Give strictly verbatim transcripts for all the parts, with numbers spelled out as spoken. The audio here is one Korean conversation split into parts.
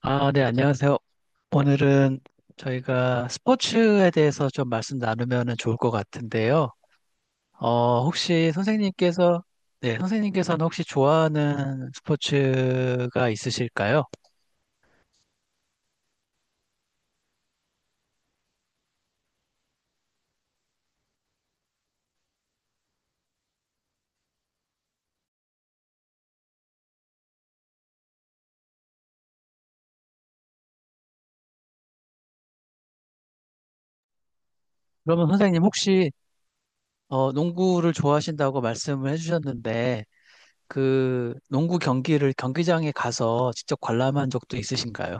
아, 네, 안녕하세요. 오늘은 저희가 스포츠에 대해서 좀 말씀 나누면 좋을 것 같은데요. 어, 혹시 선생님께서, 네, 선생님께서는 혹시 좋아하는 스포츠가 있으실까요? 그러면 선생님 혹시, 어, 농구를 좋아하신다고 말씀을 해주셨는데, 그 농구 경기를 경기장에 가서 직접 관람한 적도 있으신가요?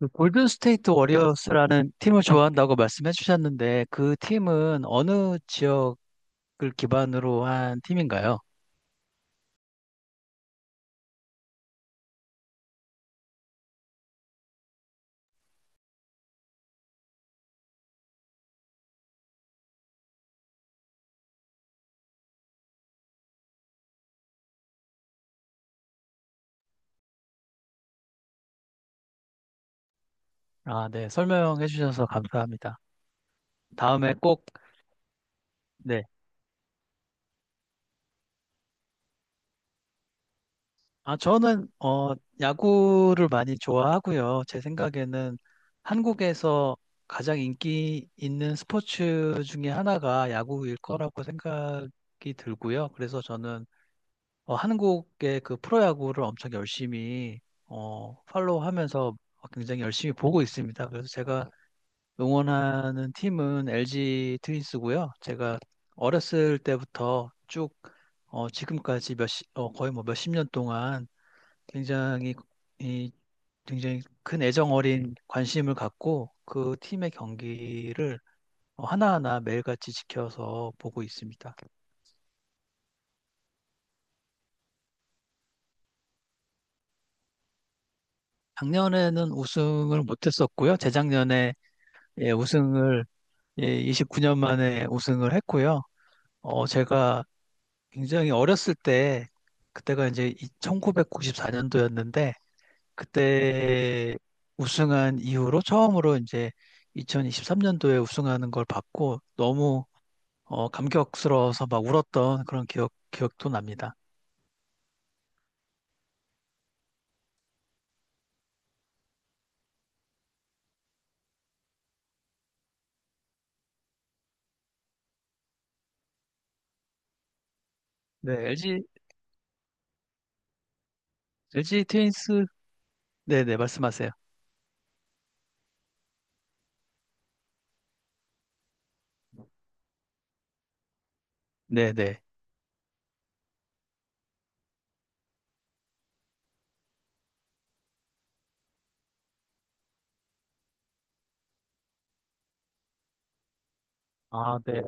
그 골든 스테이트 워리어스라는 팀을 좋아한다고 말씀해 주셨는데, 그 팀은 어느 지역 글 기반으로 한 팀인가요? 아, 네. 설명해 주셔서 감사합니다. 다음에 꼭, 네. 아, 저는, 어, 야구를 많이 좋아하고요. 제 생각에는 한국에서 가장 인기 있는 스포츠 중에 하나가 야구일 거라고 생각이 들고요. 그래서 저는, 어, 한국의 그 프로야구를 엄청 열심히, 어, 팔로우 하면서 굉장히 열심히 보고 있습니다. 그래서 제가 응원하는 팀은 엘지 트윈스고요. 제가 어렸을 때부터 쭉 어, 지금까지 몇 시, 어, 거의 뭐 몇십 년 동안 굉장히 이 굉장히 큰 애정 어린 관심을 갖고 그 팀의 경기를 어, 하나하나 매일같이 지켜서 보고 있습니다. 작년에는 우승을 못했었고요. 재작년에 예, 우승을 예, 이십구 년 만에 우승을 했고요. 어, 제가 굉장히 어렸을 때, 그때가 이제 천구백구십사 년도였는데, 그때 우승한 이후로 처음으로 이제 이천이십삼 년도에 우승하는 걸 봤고, 너무 어, 감격스러워서 막 울었던 그런 기억, 기억도 납니다. 네, 엘지 엘지 트윈스, 네네, 말씀하세요. 네네. 아, 네.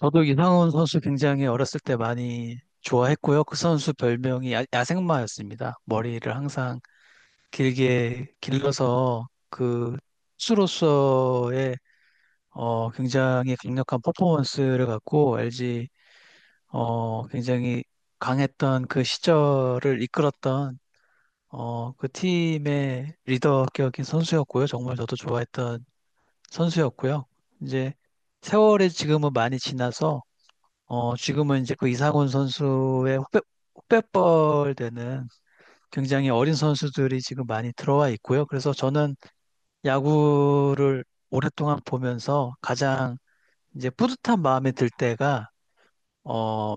저도 이상훈 선수 굉장히 어렸을 때 많이 좋아했고요. 그 선수 별명이 야, 야생마였습니다. 머리를 항상 길게 길러서 그 수로서의 어, 굉장히 강력한 퍼포먼스를 갖고 엘지 어, 굉장히 강했던 그 시절을 이끌었던 어, 그 팀의 리더격인 선수였고요. 정말 저도 좋아했던 선수였고요. 이제 세월이 지금은 많이 지나서 어, 지금은 이제 그 이상훈 선수의 후배, 후배뻘 되는 굉장히 어린 선수들이 지금 많이 들어와 있고요. 그래서 저는 야구를 오랫동안 보면서 가장 이제 뿌듯한 마음이 들 때가, 어,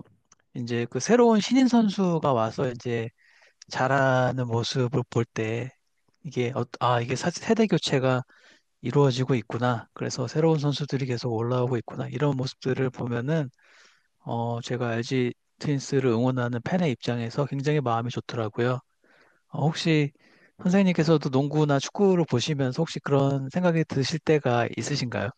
이제 그 새로운 신인 선수가 와서 이제 잘하는 모습을 볼 때, 이게, 어, 아, 이게 사- 세대 교체가 이루어지고 있구나. 그래서 새로운 선수들이 계속 올라오고 있구나. 이런 모습들을 보면은, 어, 제가 엘지 트윈스를 응원하는 팬의 입장에서 굉장히 마음이 좋더라고요. 어, 혹시 선생님께서도 농구나 축구를 보시면서 혹시 그런 생각이 드실 때가 있으신가요?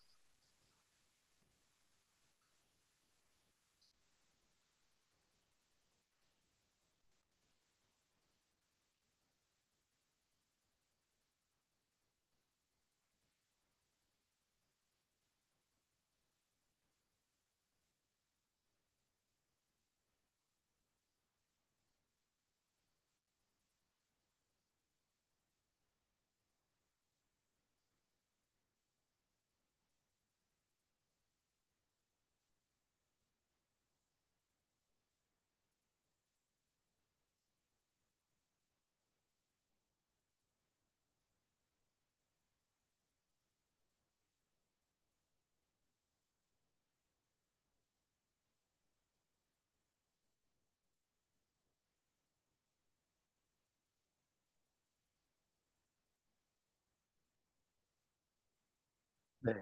네.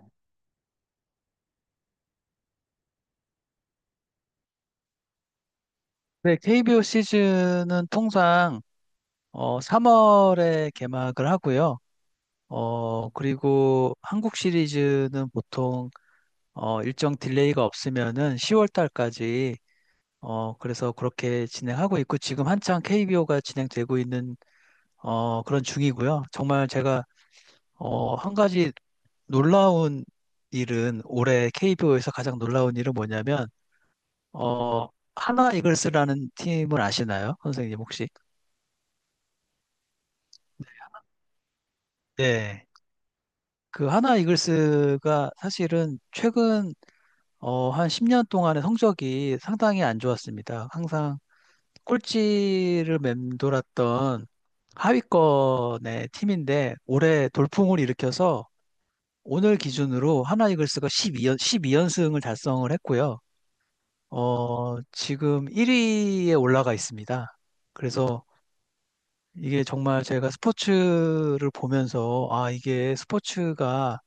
네, 케이비오 시즌은 통상 어, 삼월에 개막을 하고요. 어, 그리고 한국 시리즈는 보통 어, 일정 딜레이가 없으면은 시월 달까지 어, 그래서 그렇게 진행하고 있고 지금 한창 케이비오가 진행되고 있는 어, 그런 중이고요. 정말 제가 어, 한 가지 놀라운 일은 올해 케이비오에서 가장 놀라운 일은 뭐냐면 어, 하나 이글스라는 팀을 아시나요? 선생님 혹시? 네. 그 하나 이글스가 사실은 최근 어, 한 십 년 동안의 성적이 상당히 안 좋았습니다. 항상 꼴찌를 맴돌았던 하위권의 팀인데 올해 돌풍을 일으켜서 오늘 기준으로 하나 이글스가 12연, 연승을 달성을 했고요. 어, 지금 일 위에 올라가 있습니다. 그래서 이게 정말 제가 스포츠를 보면서 아, 이게 스포츠가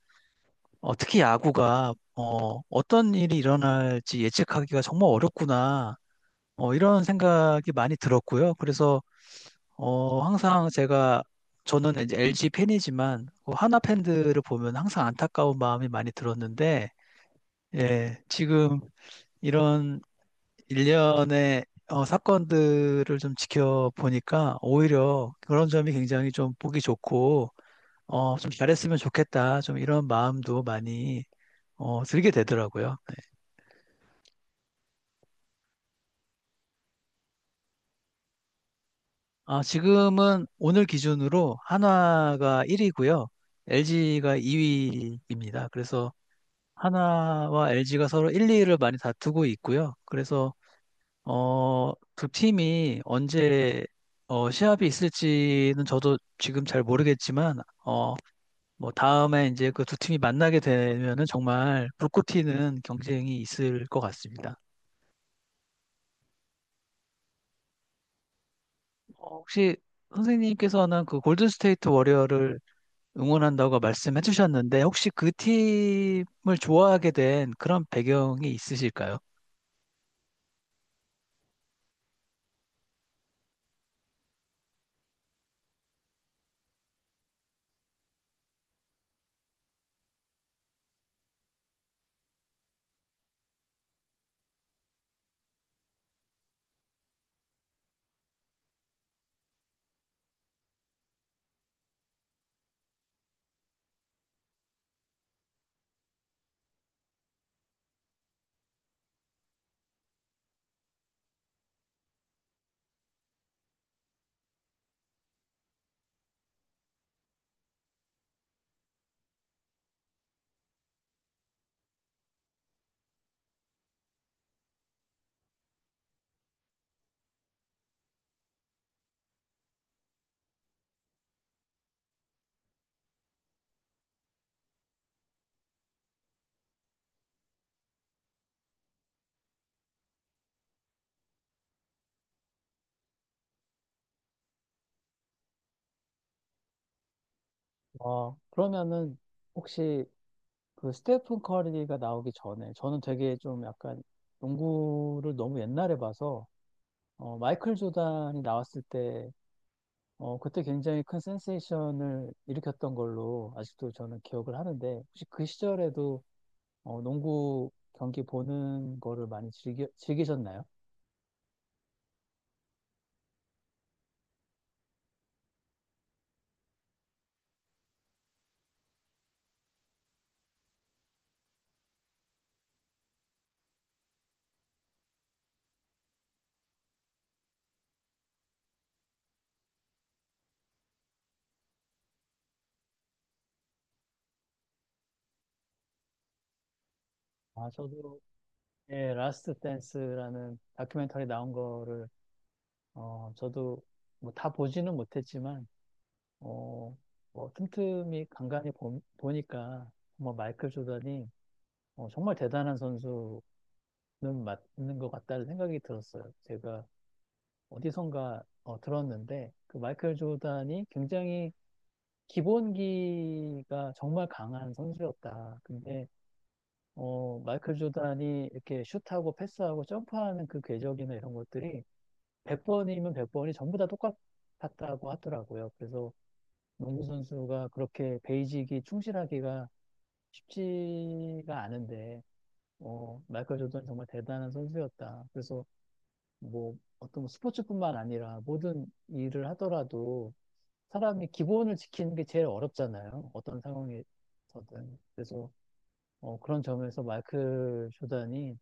어, 특히 야구가 어, 어떤 일이 일어날지 예측하기가 정말 어렵구나. 어, 이런 생각이 많이 들었고요. 그래서 어, 항상 제가 저는 이제 엘지 팬이지만 그 하나 팬들을 보면 항상 안타까운 마음이 많이 들었는데 예, 지금 이런 일련의 어, 사건들을 좀 지켜보니까 오히려 그런 점이 굉장히 좀 보기 좋고 어, 좀 잘했으면 좋겠다. 좀 이런 마음도 많이 어, 들게 되더라고요. 아, 지금은 오늘 기준으로 한화가 일 위고요. 엘지가 이 위입니다. 그래서 한화와 엘지가 서로 일, 이 위를 많이 다투고 있고요. 그래서 어, 두 팀이 언제 어, 시합이 있을지는 저도 지금 잘 모르겠지만 어, 뭐 다음에 이제 그 두 팀이 만나게 되면은 정말 불꽃 튀는 경쟁이 있을 것 같습니다. 어, 혹시 선생님께서는 그 골든스테이트 워리어를 응원한다고 말씀해 주셨는데, 혹시 그 팀을 좋아하게 된 그런 배경이 있으실까요? 어, 그러면은 혹시 그 스테픈 커리가 나오기 전에 저는 되게 좀 약간 농구를 너무 옛날에 봐서 어, 마이클 조단이 나왔을 때 어, 그때 굉장히 큰 센세이션을 일으켰던 걸로 아직도 저는 기억을 하는데 혹시 그 시절에도 어, 농구 경기 보는 거를 많이 즐기, 즐기셨나요? 아, 저도 예, 라스트 댄스라는 다큐멘터리 나온 거를 어, 저도 뭐 다 보지는 못했지만 어, 뭐 틈틈이 간간히 보, 보니까 정말 마이클 조던이 어, 정말 대단한 선수는 맞는 것 같다는 생각이 들었어요. 제가 어디선가 어, 들었는데 그 마이클 조던이 굉장히 기본기가 정말 강한 선수였다. 근데 어, 마이클 조던이 이렇게 슛하고 패스하고 점프하는 그 궤적이나 이런 것들이 백 번이면 백 번이 전부 다 똑같았다고 하더라고요. 그래서 농구 선수가 그렇게 베이직이 충실하기가 쉽지가 않은데, 어, 마이클 조던 정말 대단한 선수였다. 그래서 뭐 어떤 스포츠뿐만 아니라 모든 일을 하더라도 사람이 기본을 지키는 게 제일 어렵잖아요. 어떤 상황에서든. 그래서 어, 그런 점에서 마이클 조던이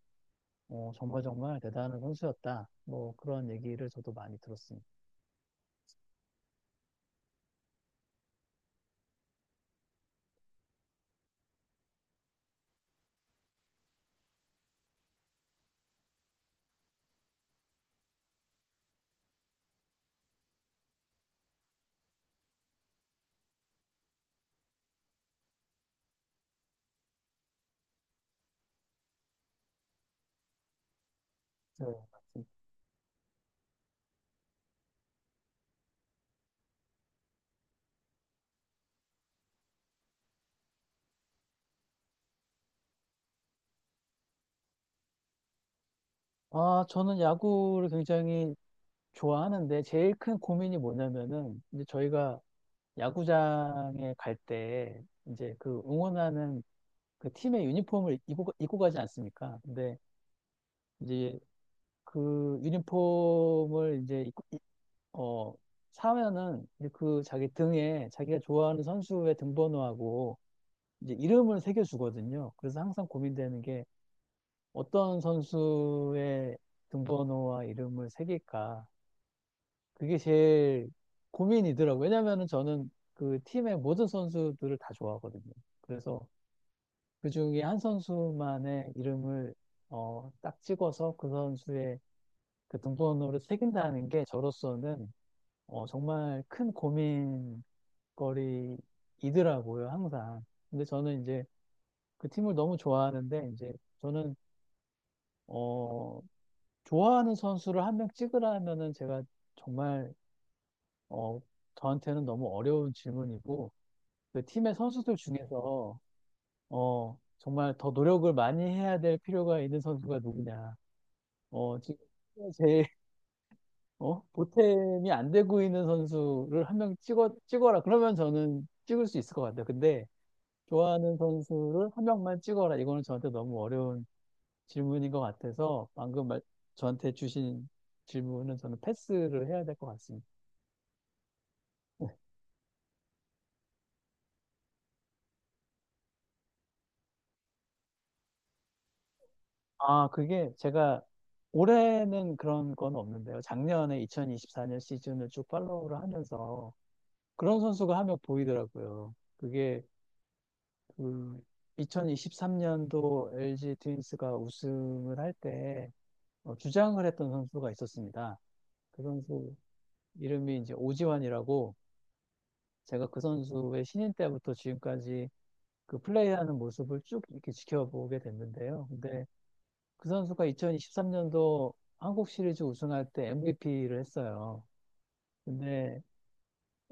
어, 정말 정말 대단한 선수였다. 뭐 그런 얘기를 저도 많이 들었습니다. 그래서 아, 저는 야구를 굉장히 좋아하는데 제일 큰 고민이 뭐냐면은 이제 저희가 야구장에 갈 때 이제 그 응원하는 그 팀의 유니폼을 입고, 가- 입고 가지 않습니까? 근데 이제 그 유니폼을 이제 입고, 입- 어, 사면은 이제 그 자기 등에 자기가 좋아하는 선수의 등번호하고 이제 이름을 새겨주거든요. 그래서 항상 고민되는 게 어떤 선수의 등번호와 이름을 새길까? 그게 제일 고민이더라고요. 왜냐면은 저는 그 팀의 모든 선수들을 다 좋아하거든요. 그래서 그 중에 한 선수만의 이름을 어, 딱 찍어서 그 선수의 그 등번호를 새긴다는 게 저로서는 어, 정말 큰 고민거리이더라고요, 항상. 근데 저는 이제 그 팀을 너무 좋아하는데 이제 저는 어, 좋아하는 선수를 한 명 찍으라면은 제가 정말 어, 저한테는 너무 어려운 질문이고 그 팀의 선수들 중에서 어 정말 더 노력을 많이 해야 될 필요가 있는 선수가 누구냐. 어 지금 제일 어 보탬이 안 되고 있는 선수를 한 명 찍어 찍어라. 그러면 저는 찍을 수 있을 것 같아요. 근데 좋아하는 선수를 한 명만 찍어라. 이거는 저한테 너무 어려운 질문인 것 같아서 방금 말, 저한테 주신 질문은 저는 패스를 해야 될 것 같습니다. 아, 그게 제가 올해는 그런 건 없는데요. 작년에 이천이십사 년 시즌을 쭉 팔로우를 하면서 그런 선수가 한 명 보이더라고요. 그게 그 이천이십삼 년도 엘지 트윈스가 우승을 할때 어, 주장을 했던 선수가 있었습니다. 그 선수 이름이 이제 오지환이라고 제가 그 선수의 신인 때부터 지금까지 그 플레이하는 모습을 쭉 이렇게 지켜보게 됐는데요. 근데 그 선수가 이천이십삼 년도 한국 시리즈 우승할 때 엠브이피를 했어요. 근데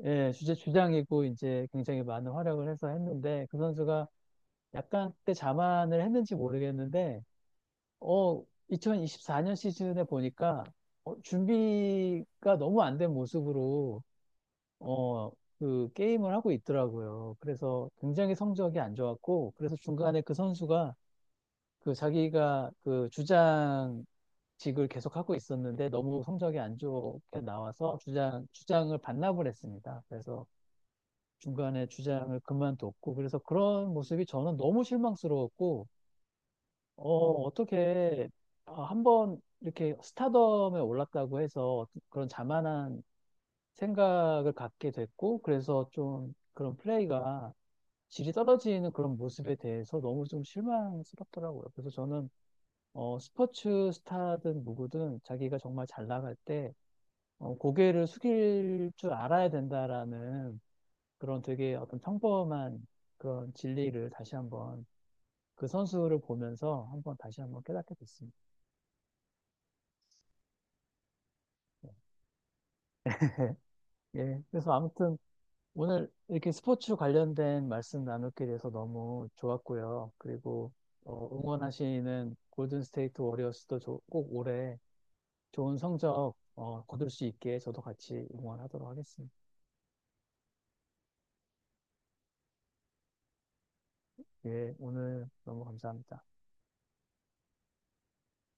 예, 주제 주장이고 이제 굉장히 많은 활약을 해서 했는데 그 선수가 약간 그때 자만을 했는지 모르겠는데 어 이천이십사 년 시즌에 보니까 어, 준비가 너무 안 된 모습으로 어 그 게임을 하고 있더라고요. 그래서 굉장히 성적이 안 좋았고 그래서 중간에 그 선수가 그 자기가 그 주장직을 계속 하고 있었는데 너무 성적이 안 좋게 나와서 주장, 주장을 반납을 했습니다. 그래서 중간에 주장을 그만뒀고 그래서 그런 모습이 저는 너무 실망스러웠고 어, 어떻게 아, 한번 이렇게 스타덤에 올랐다고 해서 그런 자만한 생각을 갖게 됐고 그래서 좀 그런 플레이가 질이 떨어지는 그런 모습에 대해서 너무 좀 실망스럽더라고요. 그래서 저는 어, 스포츠 스타든 누구든 자기가 정말 잘 나갈 때 어, 고개를 숙일 줄 알아야 된다라는 그런 되게 어떤 평범한 그런 진리를 다시 한번 그 선수를 보면서 한번 다시 한번 깨닫게 됐습니다. 네. 예. 그래서 아무튼 오늘 이렇게 스포츠 관련된 말씀 나누게 돼서 너무 좋았고요. 그리고 어, 응원하시는 골든 스테이트 워리어스도 조- 꼭 올해 좋은 성적 어, 거둘 수 있게 저도 같이 응원하도록 하겠습니다. 예, 오늘 너무 감사합니다.